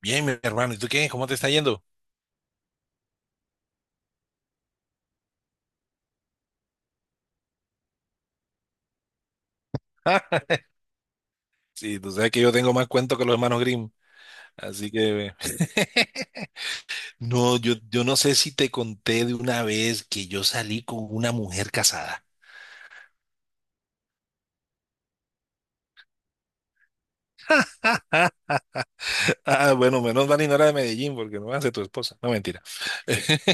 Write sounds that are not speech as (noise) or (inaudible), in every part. Bien, mi hermano, ¿y tú qué? ¿Cómo te está yendo? (laughs) Ah, sí, tú sabes que yo tengo más cuento que los hermanos Grimm, así que... (laughs) No, yo no sé si te conté de una vez que yo salí con una mujer casada. (laughs) Ah, bueno, menos mal y no era de Medellín, porque no va a ser tu esposa. No, mentira. (laughs)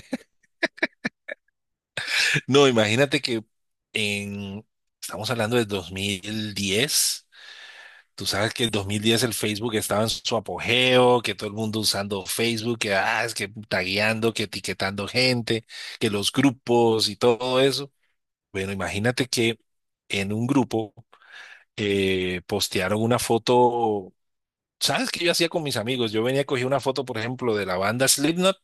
No, imagínate que en... Estamos hablando de 2010. Tú sabes que en 2010 el Facebook estaba en su apogeo, que todo el mundo usando Facebook, que es que tagueando, que etiquetando gente, que los grupos y todo eso. Bueno, imagínate que en un grupo postearon una foto. ¿Sabes qué yo hacía con mis amigos? Yo venía a coger una foto, por ejemplo, de la banda Slipknot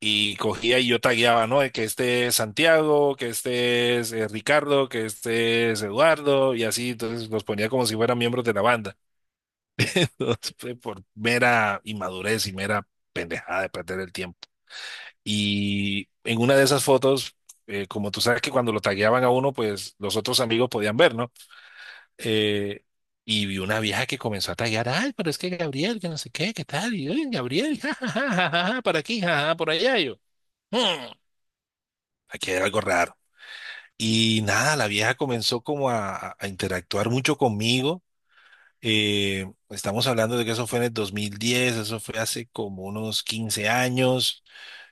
y cogía y yo tagueaba, ¿no? Que este es Santiago, que este es Ricardo, que este es Eduardo y así. Entonces los ponía como si fueran miembros de la banda. (laughs) Fue por mera inmadurez y mera pendejada de perder el tiempo. Y en una de esas fotos, como tú sabes que cuando lo tagueaban a uno, pues los otros amigos podían ver, ¿no? Eh, y vi una vieja que comenzó a taguear. Ay, pero es que Gabriel, que no sé qué, qué tal, y "Ay, Gabriel, (laughs) ja, ja, ja, ja, ja, ja, por aquí, ja, ja, por allá". Y yo, "Hmm, aquí hay algo raro. Y nada, la vieja comenzó como a interactuar mucho conmigo. Estamos hablando de que eso fue en el 2010, eso fue hace como unos 15 años.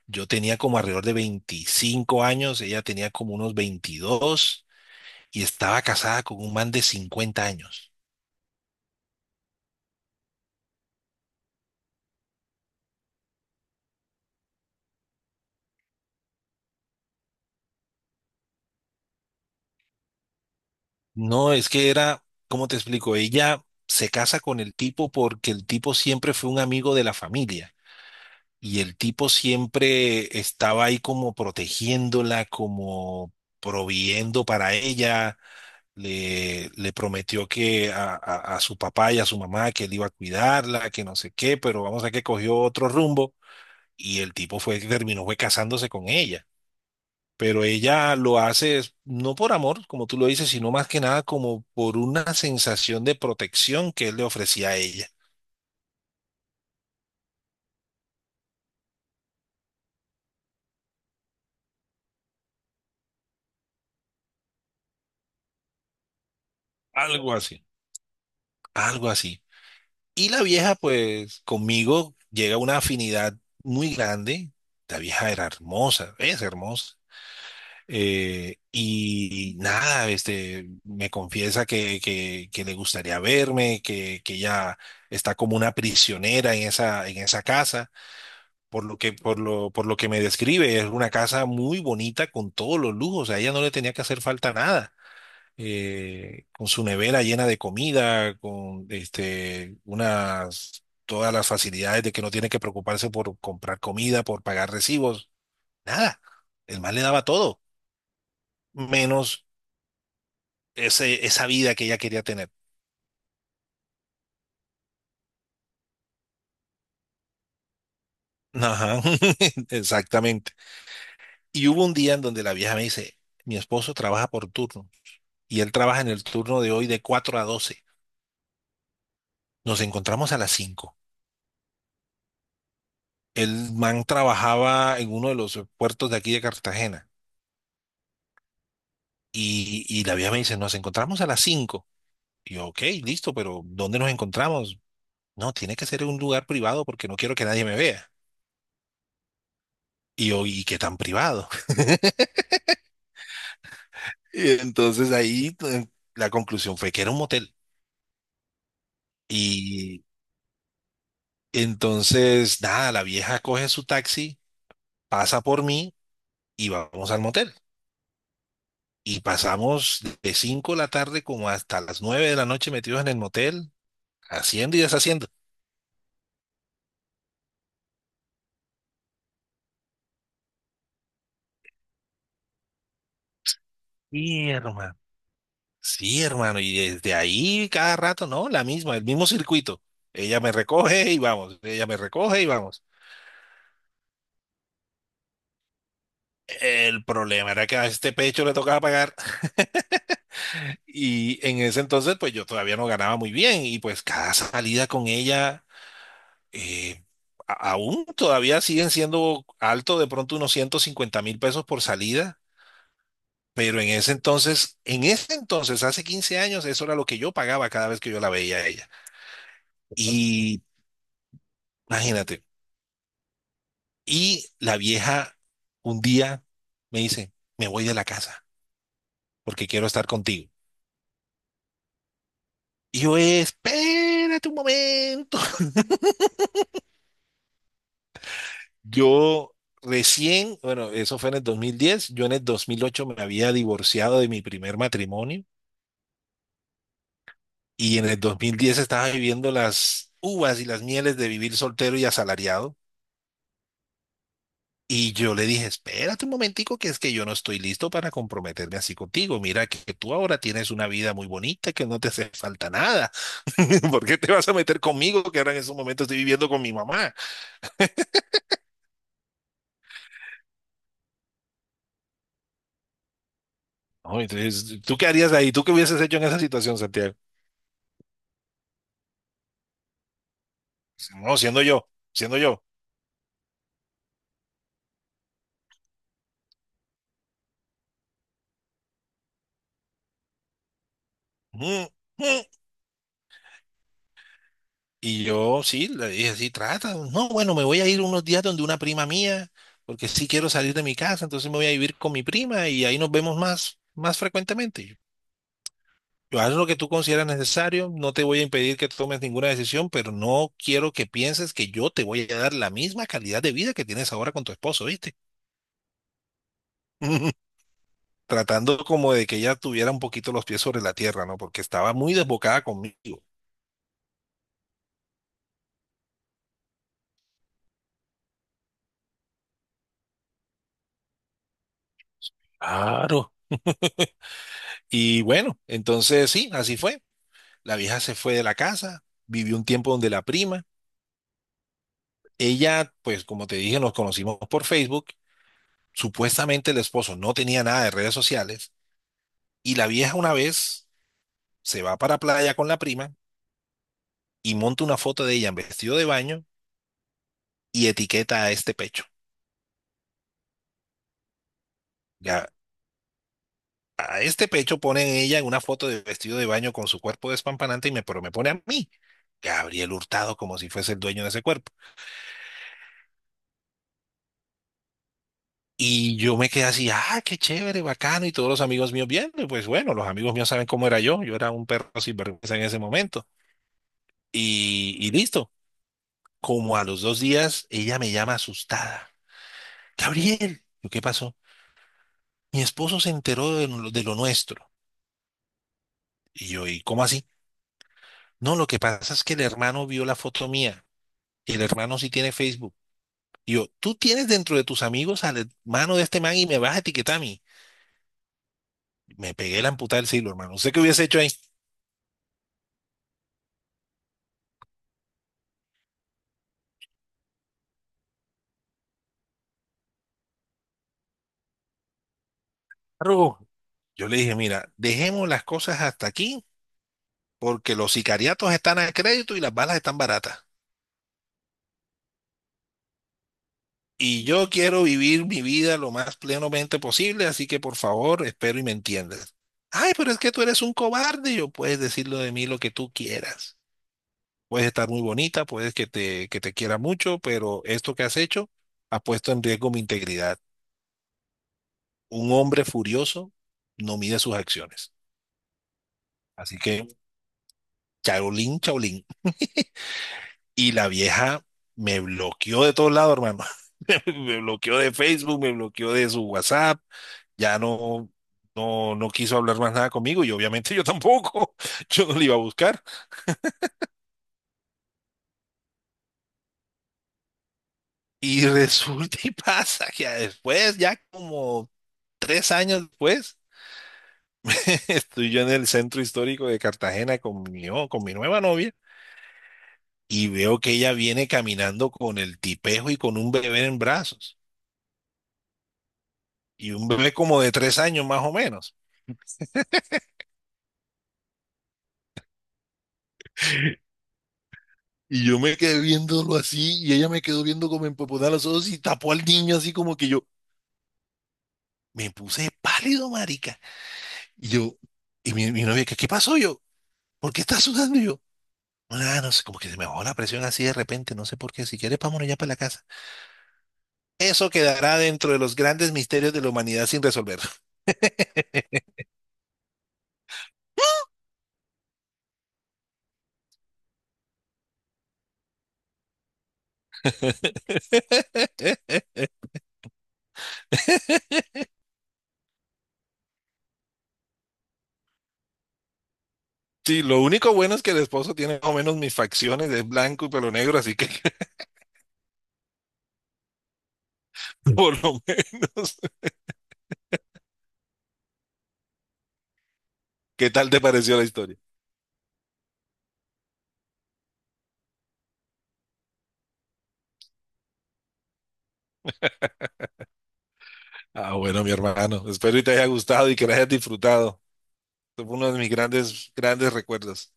Yo tenía como alrededor de 25 años, ella tenía como unos 22 y estaba casada con un man de 50 años. No, es que era, ¿cómo te explico? Ella se casa con el tipo porque el tipo siempre fue un amigo de la familia y el tipo siempre estaba ahí como protegiéndola, como proviendo para ella. Le prometió que a su papá y a su mamá que él iba a cuidarla, que no sé qué, pero vamos a que cogió otro rumbo y el tipo fue, terminó fue casándose con ella. Pero ella lo hace es no por amor, como tú lo dices, sino más que nada como por una sensación de protección que él le ofrecía a ella. Algo así, algo así. Y la vieja, pues conmigo llega a una afinidad muy grande. La vieja era hermosa, es hermosa. Y nada, me confiesa que le gustaría verme, que ella está como una prisionera en esa casa, por lo que me describe, es una casa muy bonita con todos los lujos, a ella no le tenía que hacer falta nada. Eh, con su nevera llena de comida, con todas las facilidades, de que no tiene que preocuparse por comprar comida, por pagar recibos, nada. El más le daba todo menos esa vida que ella quería tener. Ajá, (laughs) exactamente. Y hubo un día en donde la vieja me dice: mi esposo trabaja por turno y él trabaja en el turno de hoy de 4 a 12. Nos encontramos a las 5. El man trabajaba en uno de los puertos de aquí de Cartagena, y la vieja me dice, nos encontramos a las cinco. Y yo, ok, listo, pero ¿dónde nos encontramos? No, tiene que ser en un lugar privado porque no quiero que nadie me vea. Y yo, ¿y qué tan privado? (laughs) Y entonces ahí la conclusión fue que era un motel. Y entonces, nada, la vieja coge su taxi, pasa por mí y vamos al motel. Y pasamos de 5 de la tarde como hasta las 9 de la noche metidos en el motel, haciendo y deshaciendo. Sí, hermano. Sí, hermano. Y desde ahí cada rato, ¿no? La misma, el mismo circuito. Ella me recoge y vamos. Ella me recoge y vamos. El problema era que a este pecho le tocaba pagar. (laughs) Y en ese entonces, pues yo todavía no ganaba muy bien. Y pues cada salida con ella eh, aún todavía siguen siendo alto de pronto unos 150.000 pesos por salida, pero en ese entonces, hace 15 años, eso era lo que yo pagaba cada vez que yo la veía a ella. Y imagínate, y la vieja un día me dice: me voy de la casa porque quiero estar contigo. Y yo, espérate un momento. (laughs) Yo recién, bueno, eso fue en el 2010. Yo en el 2008 me había divorciado de mi primer matrimonio y en el 2010 estaba viviendo las uvas y las mieles de vivir soltero y asalariado. Y yo le dije, espérate un momentico, que es que yo no estoy listo para comprometerme así contigo. Mira que tú ahora tienes una vida muy bonita, que no te hace falta nada. (laughs) ¿Por qué te vas a meter conmigo, que ahora en esos momentos estoy viviendo con mi mamá? No, entonces, ¿tú qué harías ahí? ¿Tú qué hubieses hecho en esa situación, Santiago? Pues, no, siendo yo, siendo yo. Mm, mm. Y yo sí, le dije, sí, trata. No, bueno, me voy a ir unos días donde una prima mía, porque sí quiero salir de mi casa, entonces me voy a vivir con mi prima y ahí nos vemos más, más frecuentemente. Yo haz lo que tú consideras necesario, no te voy a impedir que tomes ninguna decisión, pero no quiero que pienses que yo te voy a dar la misma calidad de vida que tienes ahora con tu esposo, ¿viste? (laughs) Tratando como de que ella tuviera un poquito los pies sobre la tierra, ¿no? Porque estaba muy desbocada conmigo. Claro. Y bueno, entonces sí, así fue. La vieja se fue de la casa, vivió un tiempo donde la prima. Ella, pues como te dije, nos conocimos por Facebook. Supuestamente el esposo no tenía nada de redes sociales. Y la vieja una vez se va para playa con la prima y monta una foto de ella en vestido de baño y etiqueta a este pecho. Ya, a este pecho pone ella en una foto de vestido de baño con su cuerpo despampanante y me, pero me pone a mí, Gabriel Hurtado, como si fuese el dueño de ese cuerpo. Y yo me quedé así, ah, qué chévere, bacano, y todos los amigos míos viendo, y pues bueno, los amigos míos saben cómo era yo, yo era un perro sinvergüenza en ese momento. Y listo, como a los 2 días, ella me llama asustada. Gabriel, yo, ¿qué pasó? Mi esposo se enteró de lo nuestro. Y yo, ¿y cómo así? No, lo que pasa es que el hermano vio la foto mía, y el hermano sí tiene Facebook. Y yo, tú tienes dentro de tus amigos al hermano de este man y me vas a etiquetar a mí. Me pegué la amputada del siglo, hermano. No sé qué hubiese hecho ahí. Arrugo. Yo le dije, mira, dejemos las cosas hasta aquí porque los sicariatos están a crédito y las balas están baratas. Y yo quiero vivir mi vida lo más plenamente posible, así que por favor, espero y me entiendas. Ay, pero es que tú eres un cobarde. Yo puedes decirlo de mí lo que tú quieras. Puedes estar muy bonita, puedes que te quiera mucho, pero esto que has hecho ha puesto en riesgo mi integridad. Un hombre furioso no mide sus acciones. Así que, chaolín, chaolín. Y la vieja me bloqueó de todos lados, hermano. (laughs) Me bloqueó de Facebook, me bloqueó de su WhatsApp, ya no, no, no quiso hablar más nada conmigo y obviamente yo tampoco, (laughs) yo no le iba a buscar. Y (laughs) resulta y pasa que ya después, ya como 3 años después, (laughs) estoy yo en el centro histórico de Cartagena con mi, con mi nueva novia, y veo que ella viene caminando con el tipejo y con un bebé en brazos, y un bebé como de 3 años más o menos. Y yo me quedé viéndolo así y ella me quedó viendo como empopotada los ojos y tapó al niño así como que yo me puse pálido, marica. Y yo, y mi novia, ¿qué pasó yo? ¿Por qué estás sudando? Y yo, ah, no sé, como que se me bajó la presión así de repente, no sé por qué. Si quieres, vámonos ya para la casa. Eso quedará dentro de los grandes misterios de la humanidad sin resolver. (laughs) Sí, lo único bueno es que el esposo tiene más o menos mis facciones, es blanco y pelo negro, así que (laughs) por lo menos. (laughs) ¿Qué tal te pareció la historia? Ah, bueno, mi hermano. Espero y te haya gustado y que lo hayas disfrutado. Fue uno de mis grandes, grandes recuerdos.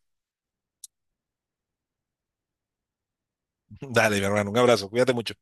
(laughs) Dale, mi hermano. Un abrazo. Cuídate mucho.